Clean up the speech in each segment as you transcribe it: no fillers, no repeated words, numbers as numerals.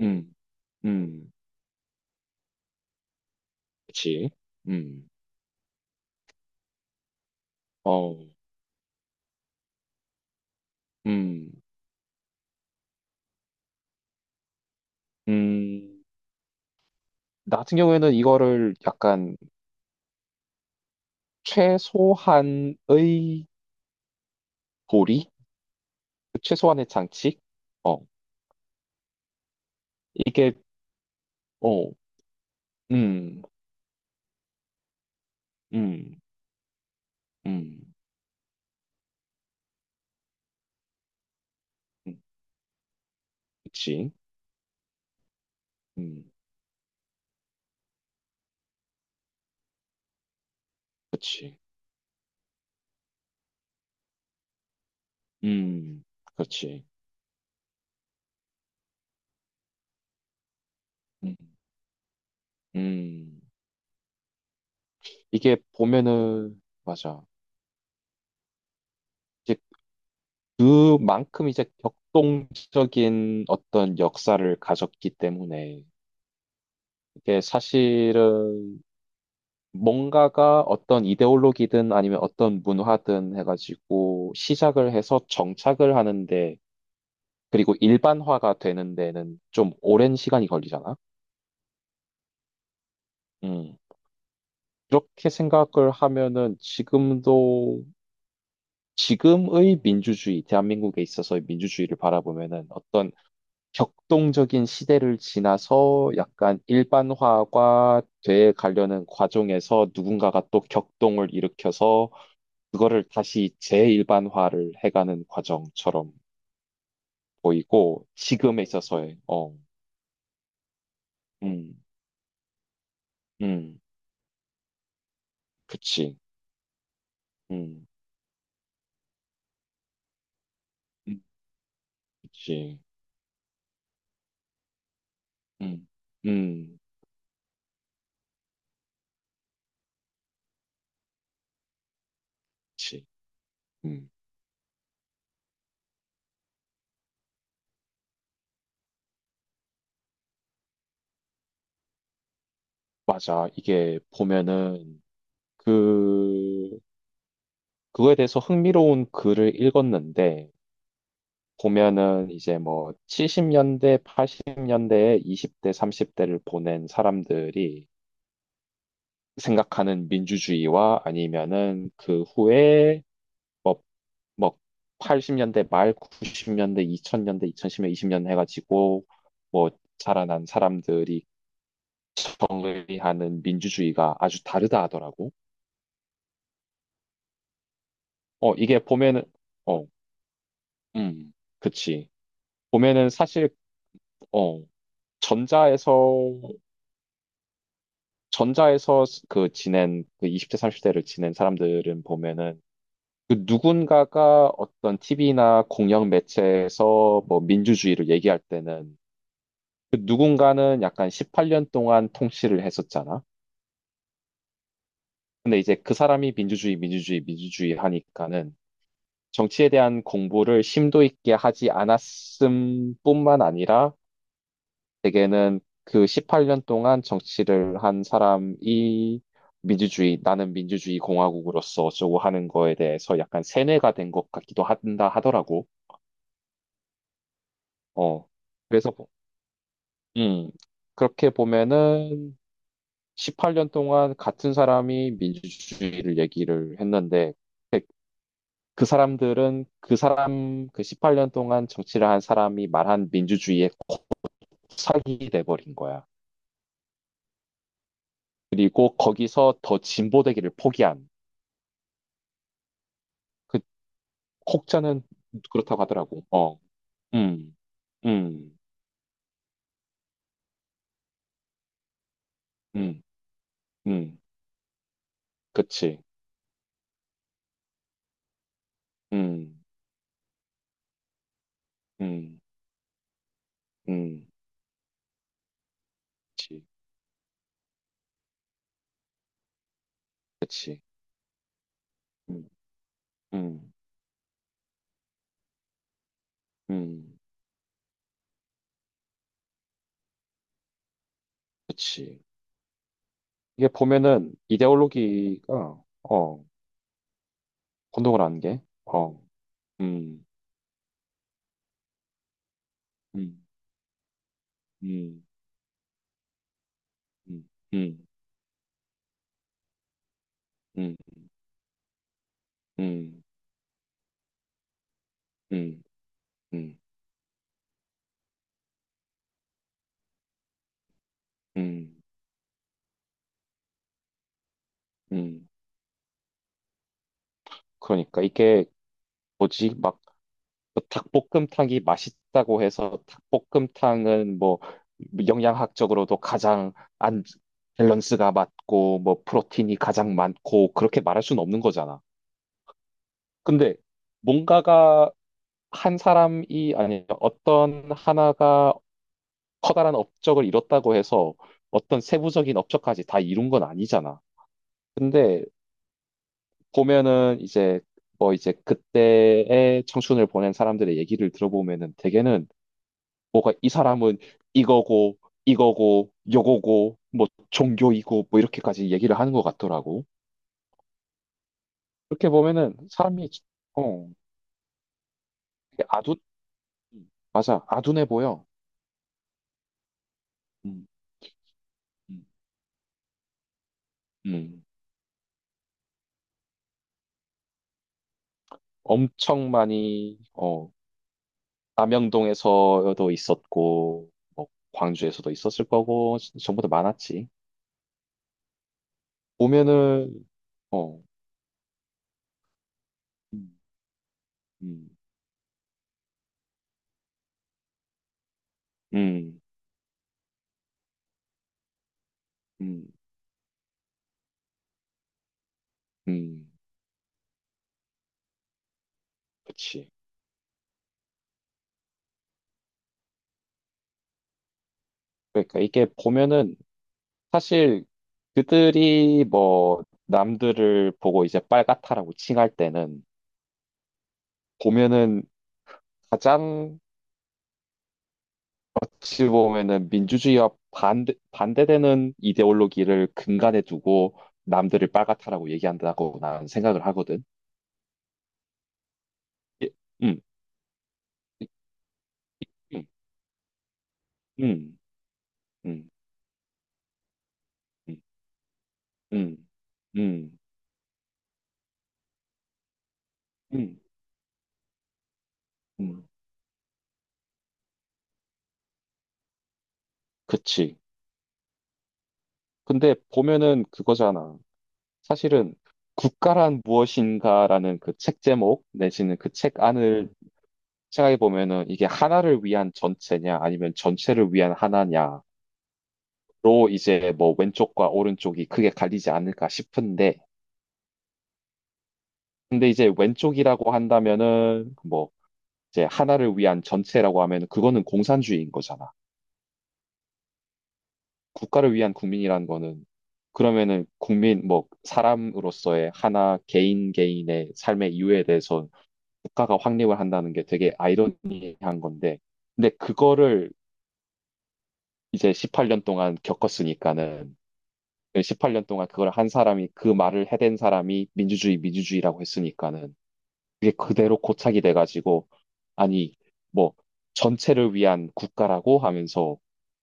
음, 음, 그치. 음, 어, 음, 음. 나 같은 경우에는 이거를 약간 최소한의 고리? 최소한의 장치? 어, 이게, 어, 음, 음, 음, 음, 그치. 음, 그치. 음, 그치. 음, 음. 이게 보면은, 맞아. 이제 그만큼 이제 격동적인 어떤 역사를 가졌기 때문에 이게 사실은 뭔가가 어떤 이데올로기든 아니면 어떤 문화든 해가지고 시작을 해서 정착을 하는데, 그리고 일반화가 되는 데는 좀 오랜 시간이 걸리잖아. 음. 그렇게 생각을 하면은 지금도 지금의 민주주의, 대한민국에 있어서의 민주주의를 바라보면은 어떤 격동적인 시대를 지나서 약간 일반화가 돼 가려는 과정에서 누군가가 또 격동을 일으켜서 그거를 다시 재일반화를 해가는 과정처럼 보이고, 지금에 있어서의, 어, 음, 음, 그치, 음, 음, 그치, 음, 음, 그치, 음. 맞아. 이게 보면은, 그, 그거에 대해서 흥미로운 글을 읽었는데, 보면은 이제 뭐 70년대, 80년대에 20대, 30대를 보낸 사람들이 생각하는 민주주의와 아니면은 그 후에 뭐 뭐 80년대 말 90년대 2000년대 2010년 20년 해가지고 뭐 자라난 사람들이 경의하는 민주주의가 아주 다르다 하더라고. 어, 이게 보면은, 어, 음, 그치. 보면은 사실 어 전자에서 전자에서 그 지낸 그 20대 30대를 지낸 사람들은 보면은 그 누군가가 어떤 TV나 공영 매체에서 뭐 민주주의를 얘기할 때는 그 누군가는 약간 18년 동안 통치를 했었잖아. 근데 이제 그 사람이 민주주의, 민주주의, 민주주의 하니까는 정치에 대한 공부를 심도 있게 하지 않았음 뿐만 아니라 대개는 그 18년 동안 정치를 한 사람이 민주주의, 나는 민주주의 공화국으로서 어쩌고 하는 거에 대해서 약간 세뇌가 된 것 같기도 한다 하더라고. 어. 그래서, 음, 그렇게 보면은 18년 동안 같은 사람이 민주주의를 얘기를 했는데 그 사람들은 그 사람 그 18년 동안 정치를 한 사람이 말한 민주주의에 콕삭이 돼버린 거야. 그리고 거기서 더 진보되기를 포기한 그 혹자는 그렇다고 하더라고. 어, 음, 음, 음, 음, 그치, 음, 음, 음, 그치, 그치, 음, 음, 음, 그치. 이게 보면은 이데올로기가 어 혼동을 안 게. 어. 음. 음. 음. 음. 음. 음. 음. 음. 음. 음. 음. 그러니까 이게 뭐지? 막뭐 닭볶음탕이 맛있다고 해서 닭볶음탕은 뭐 영양학적으로도 가장 안 밸런스가 맞고 뭐 프로틴이 가장 많고 그렇게 말할 수는 없는 거잖아. 근데 뭔가가 한 사람이 아니 어떤 하나가 커다란 업적을 이뤘다고 해서 어떤 세부적인 업적까지 다 이룬 건 아니잖아. 근데 보면은 이제 뭐 이제 그때의 청춘을 보낸 사람들의 얘기를 들어보면은 대개는 뭐가 이 사람은 이거고 이거고 요거고 뭐 종교이고 뭐 이렇게까지 얘기를 하는 것 같더라고. 그렇게 보면은 사람이 어 되게 아둔. 맞아, 아둔해 보여. 음, 음, 음. 엄청 많이, 어, 남영동에서도 있었고, 뭐 광주에서도 있었을 거고, 전부 다 많았지. 보면은, 어, 음, 음, 음, 음, 음, 그치. 그러니까 이게 보면은 사실 그들이 뭐 남들을 보고 이제 빨갛다라고 칭할 때는 보면은 가장 어찌 보면은 민주주의와 반대되는 이데올로기를 근간에 두고 남들을 빨갛다라고 얘기한다고 나는 생각을 하거든. 예, 음, 음, 음, 음, 음, 음, 음, 음, 음. 음. 그치. 근데 보면은 그거잖아. 사실은 국가란 무엇인가라는 그 책 제목 내지는 그 책 안을 생각해 보면은 이게 하나를 위한 전체냐 아니면 전체를 위한 하나냐로 이제 뭐 왼쪽과 오른쪽이 크게 갈리지 않을까 싶은데, 근데 이제 왼쪽이라고 한다면은 뭐 이제 하나를 위한 전체라고 하면 그거는 공산주의인 거잖아. 국가를 위한 국민이라는 거는 그러면은 국민 뭐 사람으로서의 하나 개인 개인의 삶의 이유에 대해서 국가가 확립을 한다는 게 되게 아이러니한 건데, 근데 그거를 이제 18년 동안 겪었으니까는 18년 동안 그걸 한 사람이 그 말을 해댄 사람이 민주주의 민주주의라고 했으니까는 그게 그대로 고착이 돼가지고 아니 뭐 전체를 위한 국가라고 하면서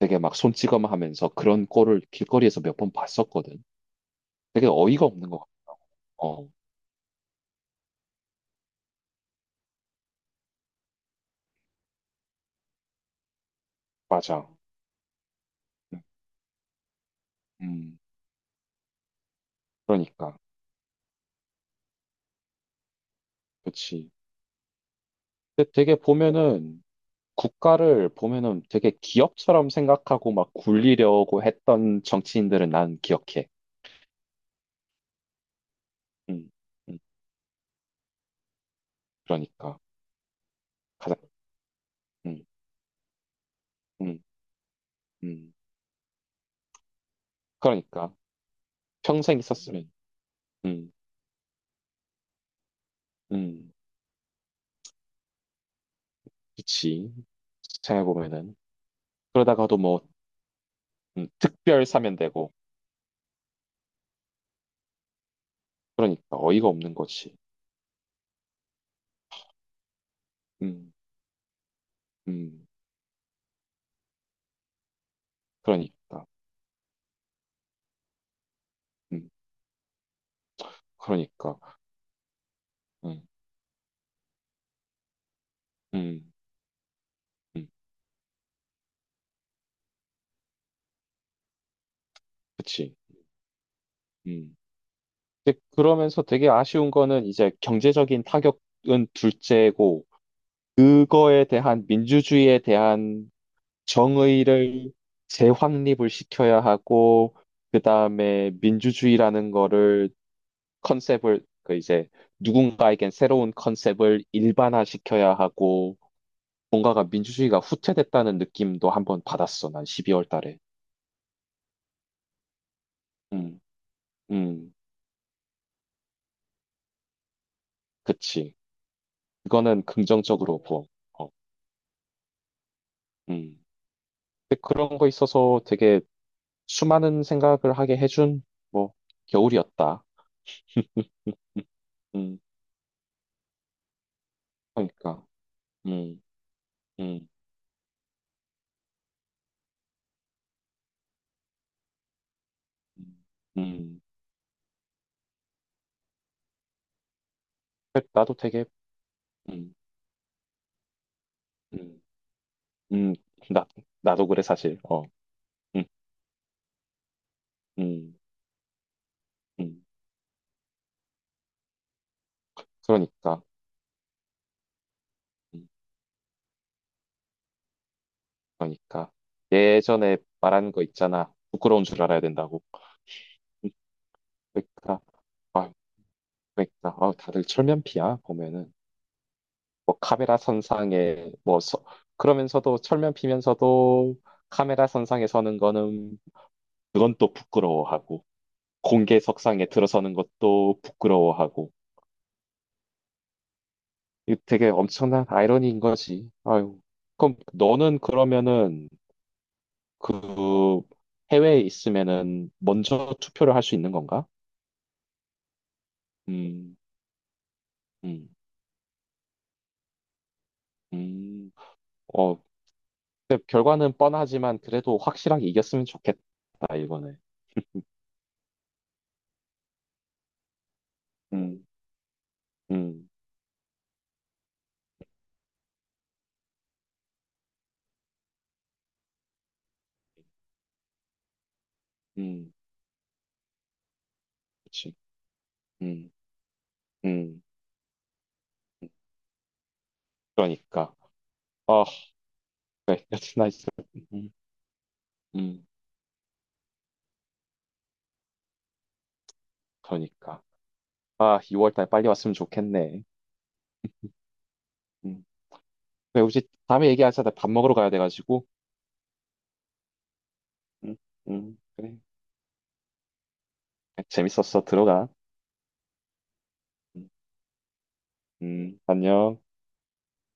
되게 막 손찌검하면서 그런 꼴을 길거리에서 몇 번 봤었거든. 되게 어이가 없는 것 같아요. 어, 맞아. 음, 음, 그러니까. 그치. 근데 되게 보면은, 국가를 보면은 되게 기업처럼 생각하고 막 굴리려고 했던 정치인들은 난 기억해. 음, 음, 그러니까. 가장, 음, 음, 음. 그러니까. 평생 있었으면. 음, 음, 그치. 생각해보면은. 그러다가도 뭐, 특별 사면되고. 그러니까. 어이가 없는 거지. 음, 음, 그러니까. 음, 그러니까. 음, 음, 음, 그치. 음. 근데 그러면서 되게 아쉬운 거는 이제 경제적인 타격은 둘째고, 그거에 대한 민주주의에 대한 정의를 재확립을 시켜야 하고, 그 다음에 민주주의라는 거를 컨셉을, 그 이제 누군가에겐 새로운 컨셉을 일반화시켜야 하고, 뭔가가 민주주의가 후퇴됐다는 느낌도 한번 받았어, 난 12월 달에. 음, 음, 그치. 그거는 긍정적으로 보고. 어, 음. 근데 그런 거 있어서 되게 수많은 생각을 하게 해준 뭐 겨울이었다. 음, 음. 그러니까, 음, 음, 음, 음. 나도 되게, 음, 음, 음, 나 나도 그래 사실. 어, 음, 음, 음. 그러니까, 음, 그러니까 예전에 말한 거 있잖아. 부끄러운 줄 알아야 된다고. 음, 그러니까, 아, 그러니까, 아, 다들 철면피야 보면은. 뭐 카메라 선상에 그러면서도 철면 피면서도 카메라 선상에 서는 거는 그건 또 부끄러워하고 공개석상에 들어서는 것도 부끄러워하고 이거 되게 엄청난 아이러니인 거지. 아유. 그럼 너는 그러면은 그 해외에 있으면은 먼저 투표를 할 수 있는 건가? 음, 음, 음. 어, 근데 결과는 뻔하지만 그래도 확실하게 이겼으면 좋겠다, 이번에. 음, 음, 음. 그치. 음, 음, 그러니까. 아, 그래, 여튼 나 있어. 음, 음, 그러니까. 아, 2월 달 빨리 왔으면 좋겠네. 음. 그래, 우리 다음에 얘기하자. 나 밥 먹으러 가야 돼가지고. 음, 그래. 재밌었어. 들어가. 음, 안녕.